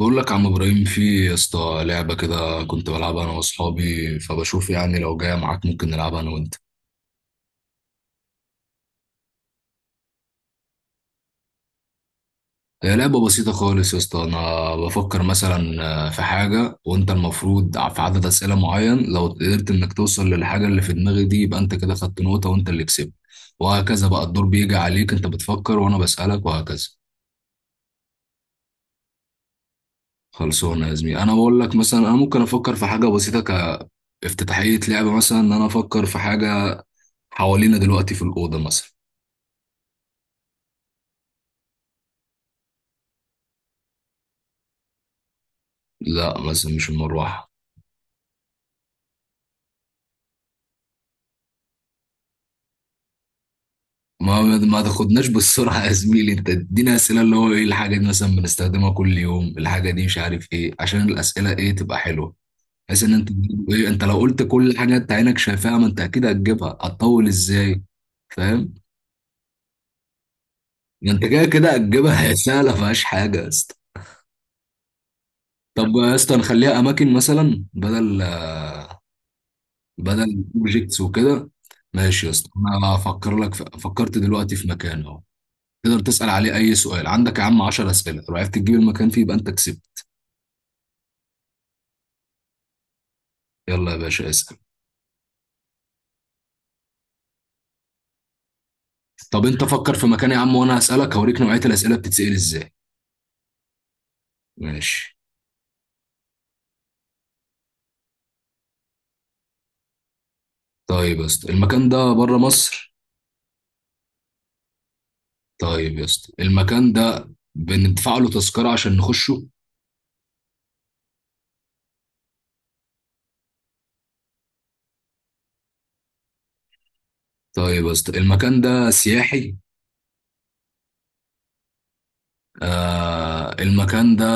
بقول لك يا عم ابراهيم، في يا اسطى لعبه كده كنت بلعبها انا واصحابي، فبشوف يعني لو جايه معاك ممكن نلعبها انا وانت. هي لعبه بسيطه خالص يا اسطى، انا بفكر مثلا في حاجه وانت المفروض في عدد اسئله معين، لو قدرت انك توصل للحاجه اللي في دماغي دي يبقى انت كده خدت نقطه وانت اللي كسبت. وهكذا بقى، الدور بيجي عليك انت بتفكر وانا بسالك وهكذا. خلصونا يا زميلي، انا بقول لك مثلا، انا ممكن افكر في حاجه بسيطه كافتتاحيه لعبه، مثلا ان انا افكر في حاجه حوالينا دلوقتي في الاوضه مثلا. لا مثلا مش المروحة. ما تاخدناش بالسرعة يا زميلي، انت ادينا اسئلة اللي هو ايه الحاجة دي، مثلا بنستخدمها كل يوم، الحاجة دي مش عارف ايه، عشان الاسئلة ايه تبقى حلوة، بحيث ان انت تجيب ايه. انت لو قلت كل حاجة انت عينك شايفاها ما انت اكيد هتجيبها، هتطول ازاي. فاهم. ده انت كده كده هتجيبها هي سهلة فيهاش حاجة يا اسطى. طب يا اسطى نخليها اماكن مثلا، بدل اوبجكتس وكده. ماشي يا اسطى، انا هفكر لك في فكرت دلوقتي في مكان اهو. تقدر تسأل عليه أي سؤال عندك يا عم، 10 أسئلة، لو عرفت تجيب المكان فيه يبقى أنت كسبت. يلا يا باشا اسأل. طب أنت فكر في مكان يا عم وأنا هسألك، هوريك نوعية الأسئلة بتتسأل إزاي. ماشي. طيب يا اسطى، المكان ده بره مصر؟ طيب يا اسطى، المكان ده بندفع له تذكرة عشان نخشه؟ طيب يا اسطى، المكان ده سياحي؟ آه المكان ده.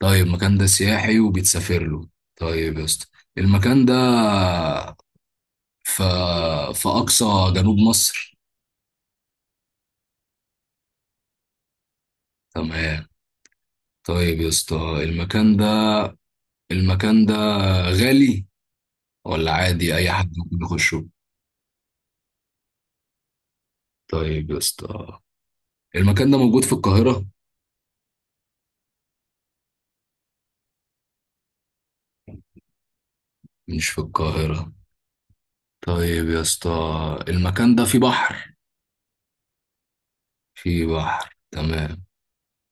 طيب المكان ده سياحي وبيتسافر له. طيب يا اسطى، المكان ده في في أقصى جنوب مصر. تمام. طيب يا اسطى، المكان ده، المكان ده غالي ولا عادي اي حد ممكن يخشه؟ طيب يا اسطى، المكان ده موجود في القاهرة؟ مش في القاهرة. طيب يا اسطى، المكان ده فيه بحر؟ فيه بحر، تمام.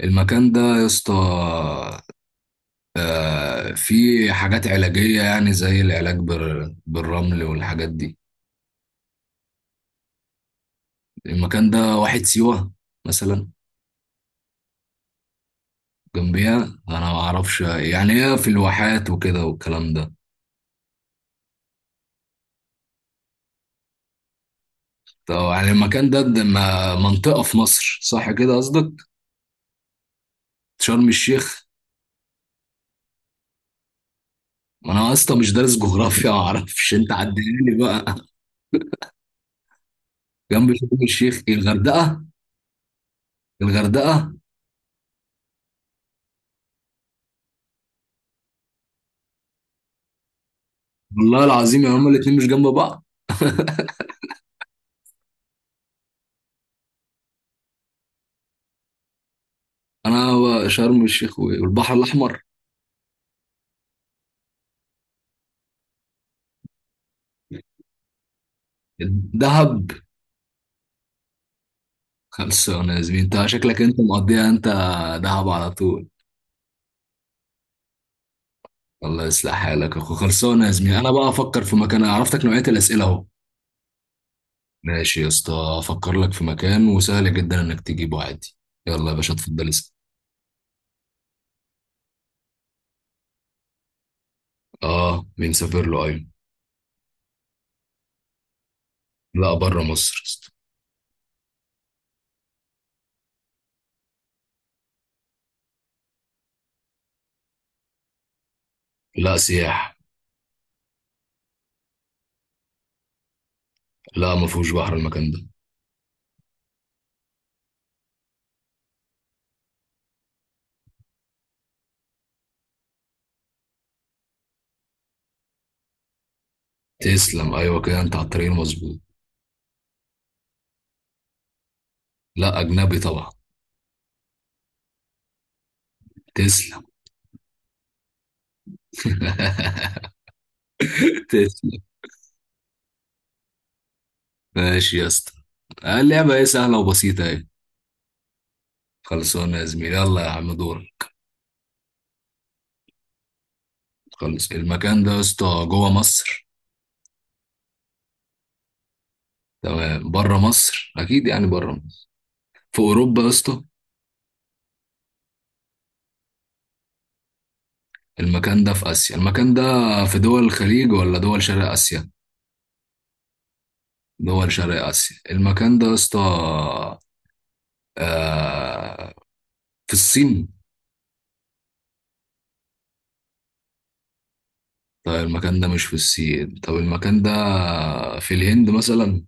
المكان ده يا اسطى، فيه حاجات علاجية، يعني زي العلاج بالرمل والحاجات دي. المكان ده واحد سيوة مثلا. جنبيها. انا ما اعرفش يعني، هي في الواحات وكده والكلام ده. طب يعني المكان ده منطقة في مصر صح كده قصدك. شرم الشيخ. ما انا اصلا مش دارس جغرافيا، ما اعرفش، انت عدلني بقى. جنب شرم الشيخ إيه، الغردقة؟ الغردقة. والله العظيم يا هما الاتنين مش جنب بعض. انا شرم الشيخ والبحر الاحمر. دهب. خلصانة يا زميلي، انت شكلك انت مقضيها انت. دهب على طول. الله يصلح حالك يا اخو. خلصانة يا زميلي، انا بقى افكر في مكان، أنا عرفتك نوعية الاسئلة اهو. ماشي يا اسطى. افكر لك في مكان وسهل جدا انك تجيبه عادي. يلا يا باشا اتفضل اسأل. اه مين سافر له، ايوه. لا بره مصر يا اسطى. لا سياح. لا ما فيهوش بحر المكان ده. تسلم، ايوه كده، انت على الطريق المظبوط. لا اجنبي طبعا. تسلم تسلم. ماشي يا اسطى. اللعبه ايه سهله وبسيطه ايه. خلصانه يا زميلي، يلا يا عم دور. خلص، المكان ده يا اسطى جوه مصر؟ تمام، بره مصر، اكيد يعني بره مصر. في اوروبا يا اسطى؟ المكان ده في آسيا. المكان ده في دول الخليج ولا دول شرق آسيا؟ دول شرق آسيا. المكان ده يا اسطى آه، في الصين؟ طيب المكان ده مش في الصين، طب المكان ده في الهند مثلا؟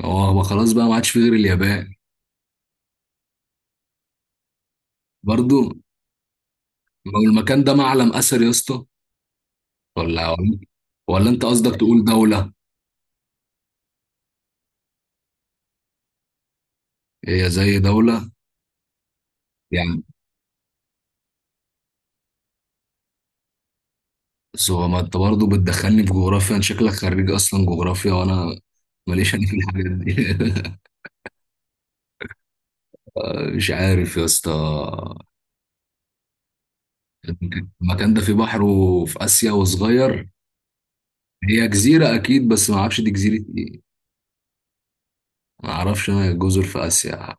هو هو خلاص بقى، ما عادش في غير اليابان. برضو. لو المكان ده معلم أثر يا اسطى؟ ولا. انت قصدك تقول دولة. هي زي دولة. يعني، بس هو ما انت برضه بتدخلني في جغرافيا، انت شكلك خريج اصلا جغرافيا، وانا ماليش انا في الحاجات دي مش عارف يا اسطى. المكان ده فيه بحر وفي آسيا وصغير. هي جزيرة أكيد، بس ما أعرفش دي جزيرة إيه. ما أعرفش أنا جزر في آسيا.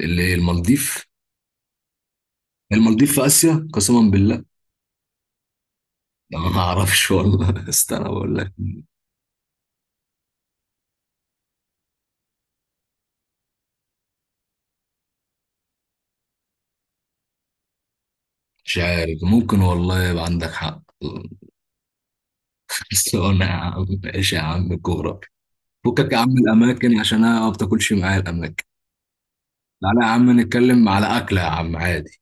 اللي هي المالديف. المالديف في آسيا قسما بالله. لا، ما أعرفش والله استنى بقول لك. مش عارف، ممكن والله يبقى عندك حق بس أنا يا عم إيش يا عم الجغرافيا، فكك يا عم الأماكن عشان أنا ما بتاكلش معايا الأماكن. تعالى يا عم نتكلم على أكلة يا عم عادي.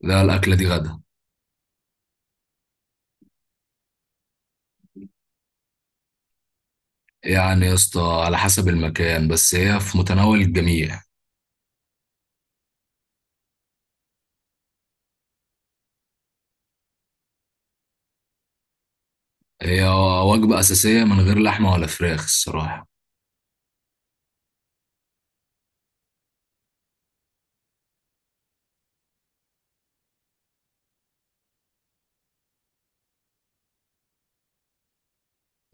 لا الأكلة دي غدا. يعني يا اسطى، على حسب المكان، بس هي في متناول الجميع. هي وجبة أساسية من غير لحمة ولا فراخ الصراحة.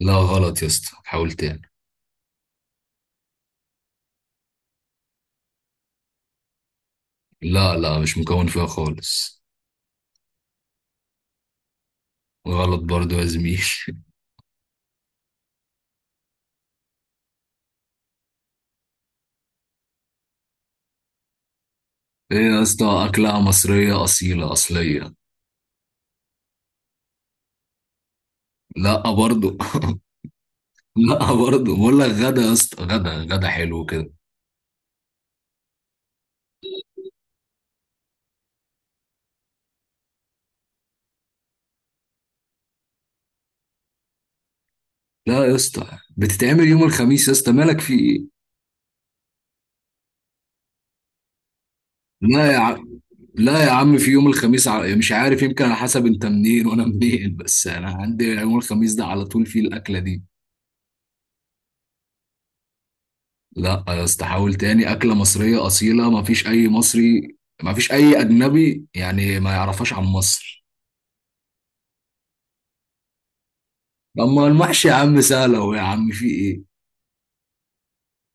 لا غلط يا اسطى، حاول تاني. لا لا مش مكون فيها خالص. غلط برضو يا زميل ايه يا اسطى، أكلة مصرية أصيلة أصلية. لا برضو. لا برضو بقول لك، غدا يا اسطى، غدا. حلو كده. لا يا اسطى، بتتعمل يوم الخميس يا اسطى، مالك في ايه. لا يا عم، لا يا عم في يوم الخميس. مش عارف، يمكن على حسب انت منين وانا منين، بس انا عندي يوم الخميس ده على طول فيه الاكله دي. لا يا اسطى، حاول تاني. اكله مصريه اصيله، ما فيش اي مصري، ما فيش اي اجنبي يعني ما يعرفهاش عن مصر. اما المحشي يا عم سهل اهو يا عم، في ايه.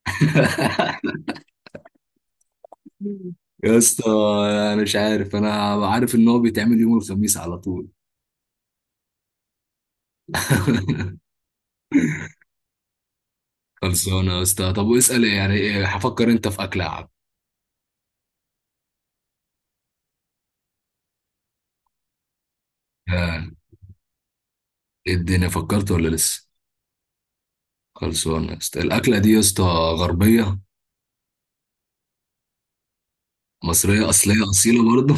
يا اسطى، انا مش عارف، انا عارف ان هو بيتعمل يوم الخميس على طول. خلصانه يا اسطى. طب واسال يعني، ايه هفكر انت في اكله يا عم. آه، ايه الدنيا، فكرت ولا لسه؟ خلصانة يا اسطى. الأكلة دي يا اسطى غربية؟ مصرية أصلية أصيلة برضه.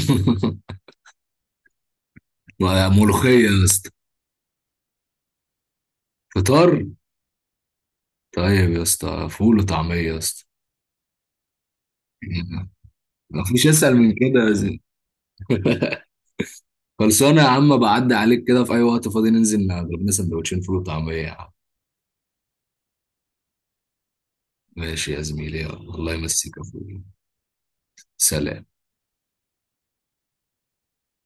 ملوخية يا اسطى. فطار. طيب يا اسطى، فول وطعمية يا اسطى. مفيش أسهل من كده يا زين خلصانة يا عم، بعدي عليك كده في أي وقت فاضي، ننزل نضرب لنا سندوتشين فول وطعمية يا عم. ماشي يا زميلي، يلا. الله يمسيك يا فول. سلام.